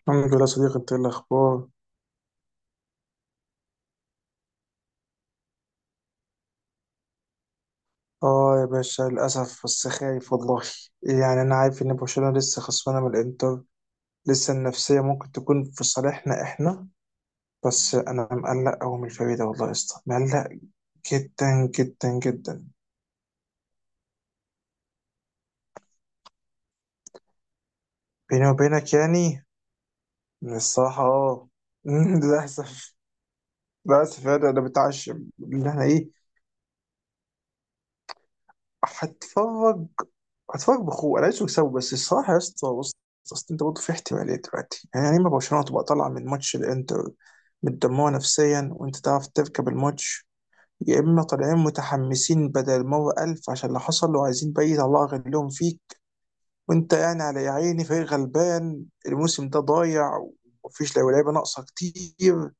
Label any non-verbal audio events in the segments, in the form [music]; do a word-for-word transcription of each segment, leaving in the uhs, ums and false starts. الحمد لله صديقي، انت ايه الاخبار؟ اه يا باشا، للاسف، بس خايف والله. يعني انا عارف ان برشلونه لسه خسرانه من الانتر. لسه النفسيه ممكن تكون في صالحنا احنا. بس انا مقلق قوي من الفريق ده، والله يا اسطى، مقلق جدا جدا جدا. بيني وبينك يعني، من الصراحه اه [laughs] للاسف للاسف يعني انا متعشم. ان احنا ايه. هتفرج هتفرج بخوة، انا عايزه يكسبوا، بس الصراحه يا اسطى بص. اصل انت برضه في احتماليه دلوقتي، يعني لما برشلونه تبقى طالعه من ماتش الانتر متدمره نفسيا وانت تعرف تركب الماتش. يا اما طالعين متحمسين بدل مره الف، عشان اللي حصل، وعايزين بقى الله يغلبهم فيك. وانت يعني على يا عيني فريق غلبان، الموسم ده ضايع، ومفيش لعيبه لعيبة ناقصه كتير.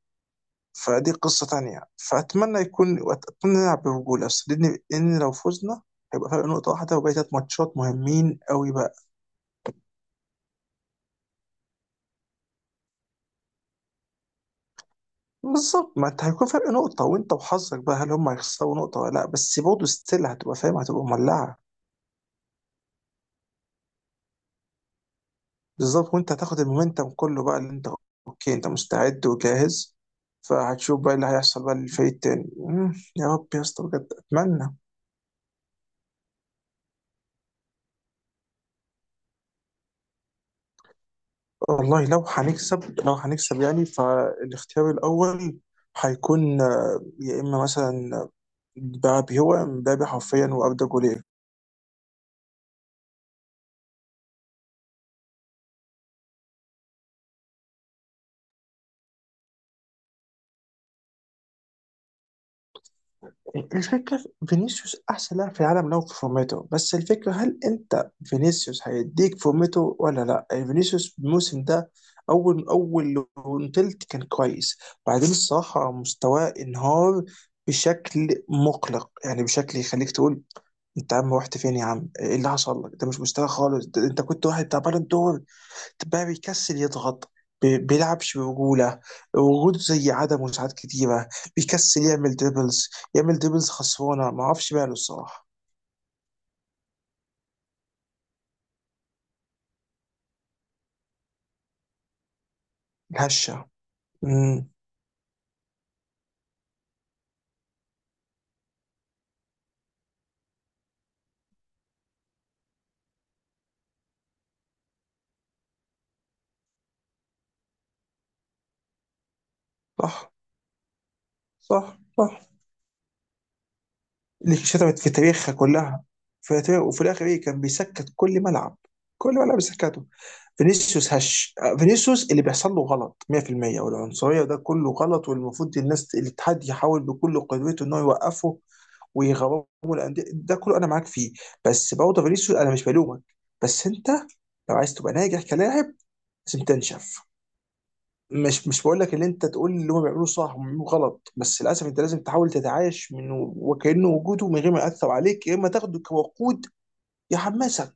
فدي قصة تانية، فأتمنى يكون أتمنى نلعب برجولة، بس لأن لأن لو فزنا هيبقى فرق نقطة واحدة، وباقي تلات ماتشات مهمين قوي بقى. بالظبط، ما أنت هيكون فرق نقطة، وأنت وحظك بقى، هل هم هيخسروا نقطة ولا لأ، بس برضه ستيل هتبقى فاهم، هتبقى مولعة. بالظبط، وأنت هتاخد المومنتم كله بقى، اللي أنت أوكي أنت مستعد وجاهز. فهتشوف بقى اللي هيحصل بقى للفريق التاني. مم، يا رب يا اسطى، بجد أتمنى. والله، لو هنكسب لو هنكسب يعني، فالاختيار الأول هيكون، يا اما مثلا مبابي، هو مبابي حرفيا، واردا، جولير. الفكره في فينيسيوس، احسن لاعب في العالم لو في فورمته، بس الفكره هل انت فينيسيوس هيديك فورمته ولا لا، يعني فينيسيوس الموسم ده اول اول تلت كان كويس. بعدين الصراحه مستواه انهار بشكل مقلق، يعني بشكل يخليك تقول انت يا عم رحت فين، يا عم ايه اللي حصل لك، ده مش مستوى خالص، ده انت كنت واحد بتاع بالون دور، بقى بيكسل يضغط، ب- بيلعبش برجولة. وجوده زي عدمه ساعات كتيرة، بيكسل يعمل دريبلز يعمل دريبلز خسرانة، ما اعرفش ماله الصراحة. الهشة. امم صح، صح، صح. اللي شتمت في تاريخها كلها، في تاريخ، وفي الآخر إيه، كان بيسكت كل ملعب، كل ملعب بيسكته. فينيسيوس هش. آه، فينيسيوس اللي بيحصل له غلط مية بالمية، والعنصرية ده كله غلط، والمفروض الناس، الاتحاد، يحاول بكل قدرته إنه يوقفه، ويغرموا الانديه، ده كله انا معاك فيه. بس برضه فينيسيوس، انا مش بلومك، بس انت لو عايز تبقى ناجح كلاعب، لازم تنشف. مش مش بقول لك ان انت تقول اللي هم بيعملوه صح وهم بيعملوه غلط، بس للاسف انت لازم تحاول تتعايش منه وكانه وجوده من غير ما ياثر عليك، يا اما تاخده كوقود يحمسك.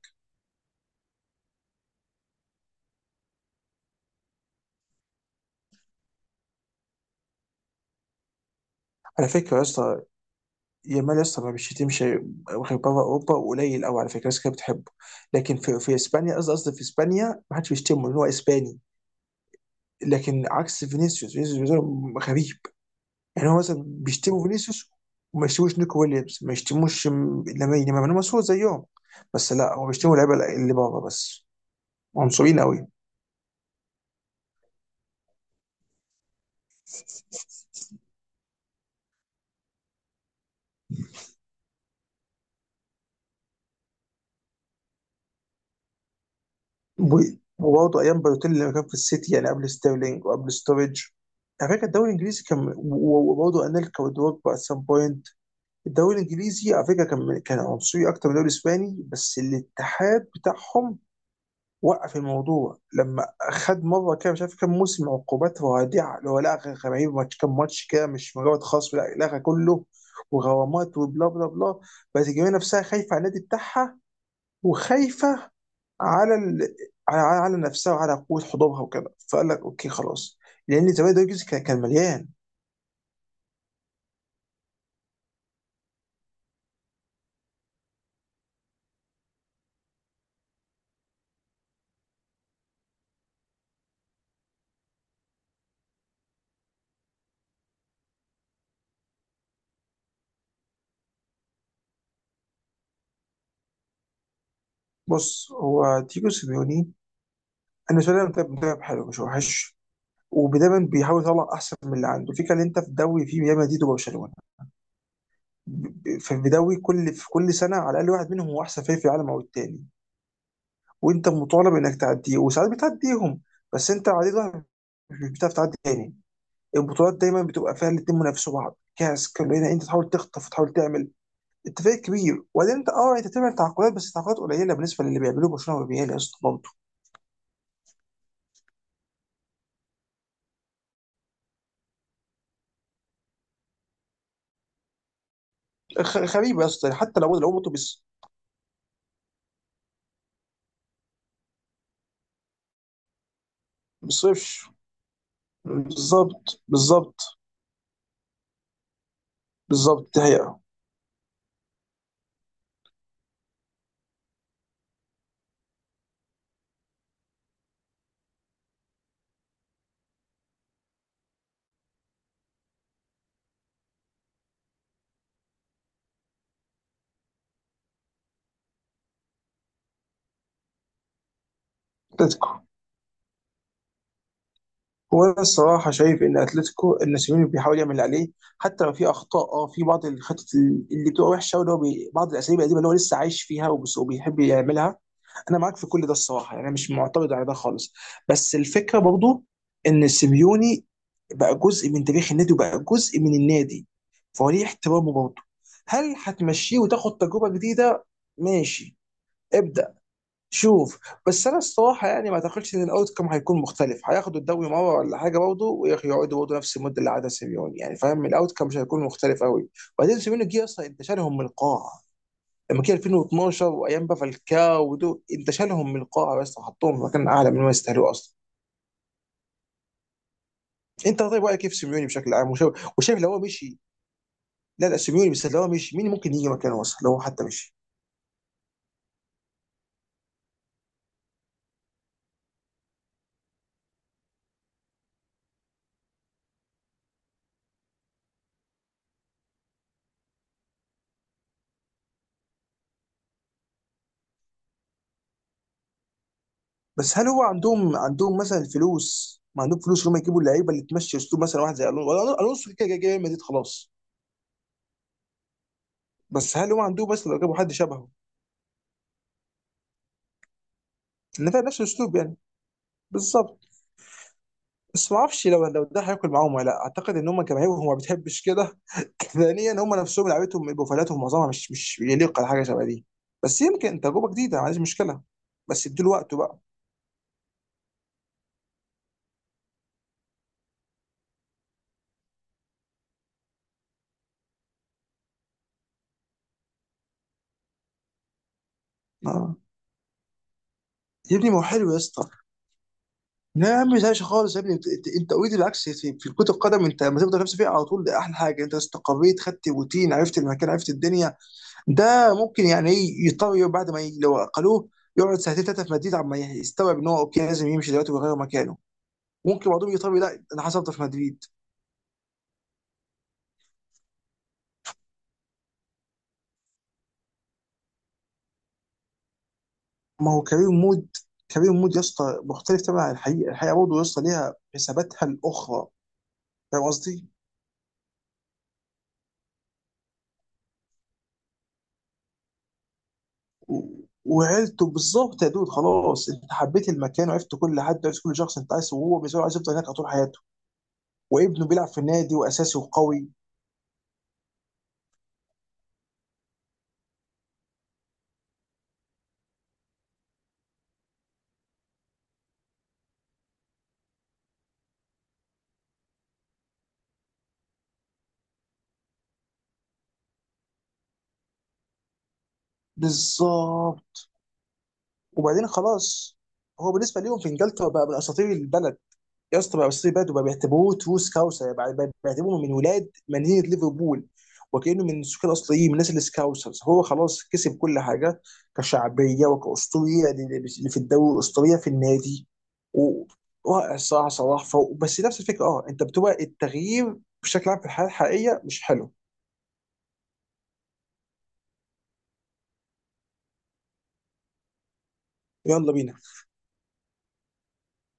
على فكره يا اسطى، يامال يا اسطى ما بيشتمش غير بره اوروبا، قليل قوي، على فكره الناس كانت بتحبه. لكن في في اسبانيا، قصدي قصدي في اسبانيا ما حدش بيشتمه لان هو اسباني. لكن عكس فينيسيوس. فينيسيوس غريب. يعني هو مثلا بيشتموا فينيسيوس، وما يشتموش نيكو ويليامز، ما يشتموش م- لامين يامال، لما مسؤول زيهم. بس لا، هو بيشتموا اللعيبه اللي بره بس، عنصريين قوي. و- وبرضه ايام بالوتيلي لما كان في السيتي، يعني قبل ستيرلينج وقبل ستورج. على فكره الدوري الانجليزي كان، و- و- وبرضه انيلكا ودروجبا ات سام بوينت. الدوري الانجليزي على فكره كان كان عنصري اكتر من الدوري الاسباني، بس الاتحاد بتاعهم وقف الموضوع. لما خد مره كده مش عارف كام موسم، عقوبات رادعه، اللي هو لغى، غريب، ماتش، كام ماتش كده، مش مجرد خصم، لا لغى كله، وغرامات وبلا بلا بلا. بس الجماهير نفسها خايفه على النادي بتاعها، وخايفه على ال... على على على نفسها، وعلى قوه حضورها وكده، فقال لك اوكي خلاص. لان زمان ده الجزء كان كان مليان. بص، هو تيجو سيميوني، انا بالنسبه لي مدرب مدرب حلو مش وحش، ودايما بيحاول يطلع احسن من اللي عنده، في كان انت في الدوري في ريال مدريد وبرشلونه. فبيدوي كل في كل سنه على الاقل واحد منهم هو احسن فريق في العالم او التاني. وانت مطالب انك تعديه، وساعات بتعديهم، بس انت عديت واحد، مش بتعرف تعدي تاني. البطولات دايما بتبقى فيها الاتنين منافسوا بعض، كاس كلنا انت تحاول تخطف وتحاول تعمل، انت فريق كبير. وبعدين انت اه انت تعمل تعاقدات، بس تعاقدات قليله بالنسبه للي بيعملوه برشلونه والريال يا اسطى، برضه خ- غريبه يا اسطى، حتى لو لو برضه بيصرفش. بالظبط، بالظبط، بالظبط، دي حقيقه. اتلتيكو، هو أنا الصراحة شايف إن أتلتيكو إن سيميوني بيحاول يعمل اللي عليه، حتى لو في أخطاء، أه في بعض الخطط اللي بتبقى وحشة، واللي هو بي... بعض الأساليب القديمة اللي هو لسه عايش فيها، وبس- وبيحب يعملها. أنا معاك في كل ده الصراحة، يعني أنا مش معترض على ده خالص. بس الفكرة برضو، إن سيميوني بقى جزء من تاريخ النادي، وبقى جزء من النادي، فهو ليه احترامه برضه. هل هتمشيه وتاخد تجربة جديدة؟ ماشي، ابدأ، شوف. بس انا الصراحه يعني ما اعتقدش ان الاوت كم هيكون مختلف، هياخدوا الدوري مره ولا حاجه برضه، ويقعدوا برضه نفس المده اللي قعدها سيميوني، يعني فاهم الاوت كم مش هيكون مختلف قوي. وبعدين سيميوني جه اصلا انت شالهم من القاعه، لما جه ألفين واتناشر، وايام بقى فالكاو ودول، انت شالهم من القاعه بس، وحطهم في مكان اعلى من ما يستاهلوه اصلا. انت طيب، رايك كيف سيميوني بشكل عام، وشايف وشايف لو هو مشي. لا، لا سيميوني، بس لو هو مشي مين ممكن يجي مكانه اصلا، لو هو حتى مشي. بس هل هو عندهم عندهم مثلا الفلوس، ما عندهم فلوس اللي هم يجيبوا اللعيبه اللي تمشي اسلوب مثلا واحد زي الونso، ولا الونسو كده كده جاي ريال مدريد خلاص. بس هل هو عندهم مثلا لو جابوا حد شبهه، ان فعلا نفس الاسلوب يعني. بالظبط، بس ما اعرفش لو لو ده هياكل معاهم ولا لا، اعتقد ان هم جماهيرهم ما بتحبش كده [laughs] ثانيا، هم نفسهم لعيبتهم بروفايلاتهم معظمها مش مش يليق على حاجه شبه دي. بس يمكن تجربه جديده، ما عنديش مشكله، بس ادوا له وقته بقى. آه. يا ابني ما هو حلو يا اسطى، لا يا عم ما تزهقش خالص يا ابني، انت انت انت اوريدي، بالعكس، في, في كرة القدم انت لما تفضل نفسك فيها على طول ده احلى حاجه، انت استقريت، خدت روتين، عرفت المكان، عرفت الدنيا، ده ممكن يعني ايه يضطر يقعد بعد ما ي- لو اقلوه يقعد ساعتين ثلاثه في مدريد عما يستوعب ان هو اوكي لازم يمشي دلوقتي ويغير مكانه. ممكن بعضهم يضطر، لا انا حصلت في مدريد. ما هو كارير مود. كارير مود يا اسطى مختلف تماما عن الحقيقه. الحقيقه برضه يا اسطى ليها حساباتها الاخرى. فاهم قصدي؟ و- وعيلته بالظبط يا دود، خلاص انت حبيت المكان وعرفت كل حد وعرفت كل شخص، انت عايز، وهو بالنسبه له عايز يفضل هناك على طول حياته، وابنه بيلعب في النادي واساسي وقوي. بالظبط، وبعدين خلاص، هو بالنسبه ليهم في انجلترا بقى من اساطير البلد يا اسطى، بقى بس بيبات، وبقى بيعتبروه تروس كاوسر، بقى بقى بيعتبروه من ولاد مدينه ليفربول، وكانه من السكان الاصليين، من الناس السكاوسرز، هو خلاص كسب كل حاجه، كشعبيه وكاسطوريه اللي في الدوري، الاسطوريه في النادي. و- رائع الصراحه، صلاح فوق، بس نفس الفكره اه انت بتبقى التغيير بشكل عام في الحياه الحقيقيه مش حلو. يلا بينا.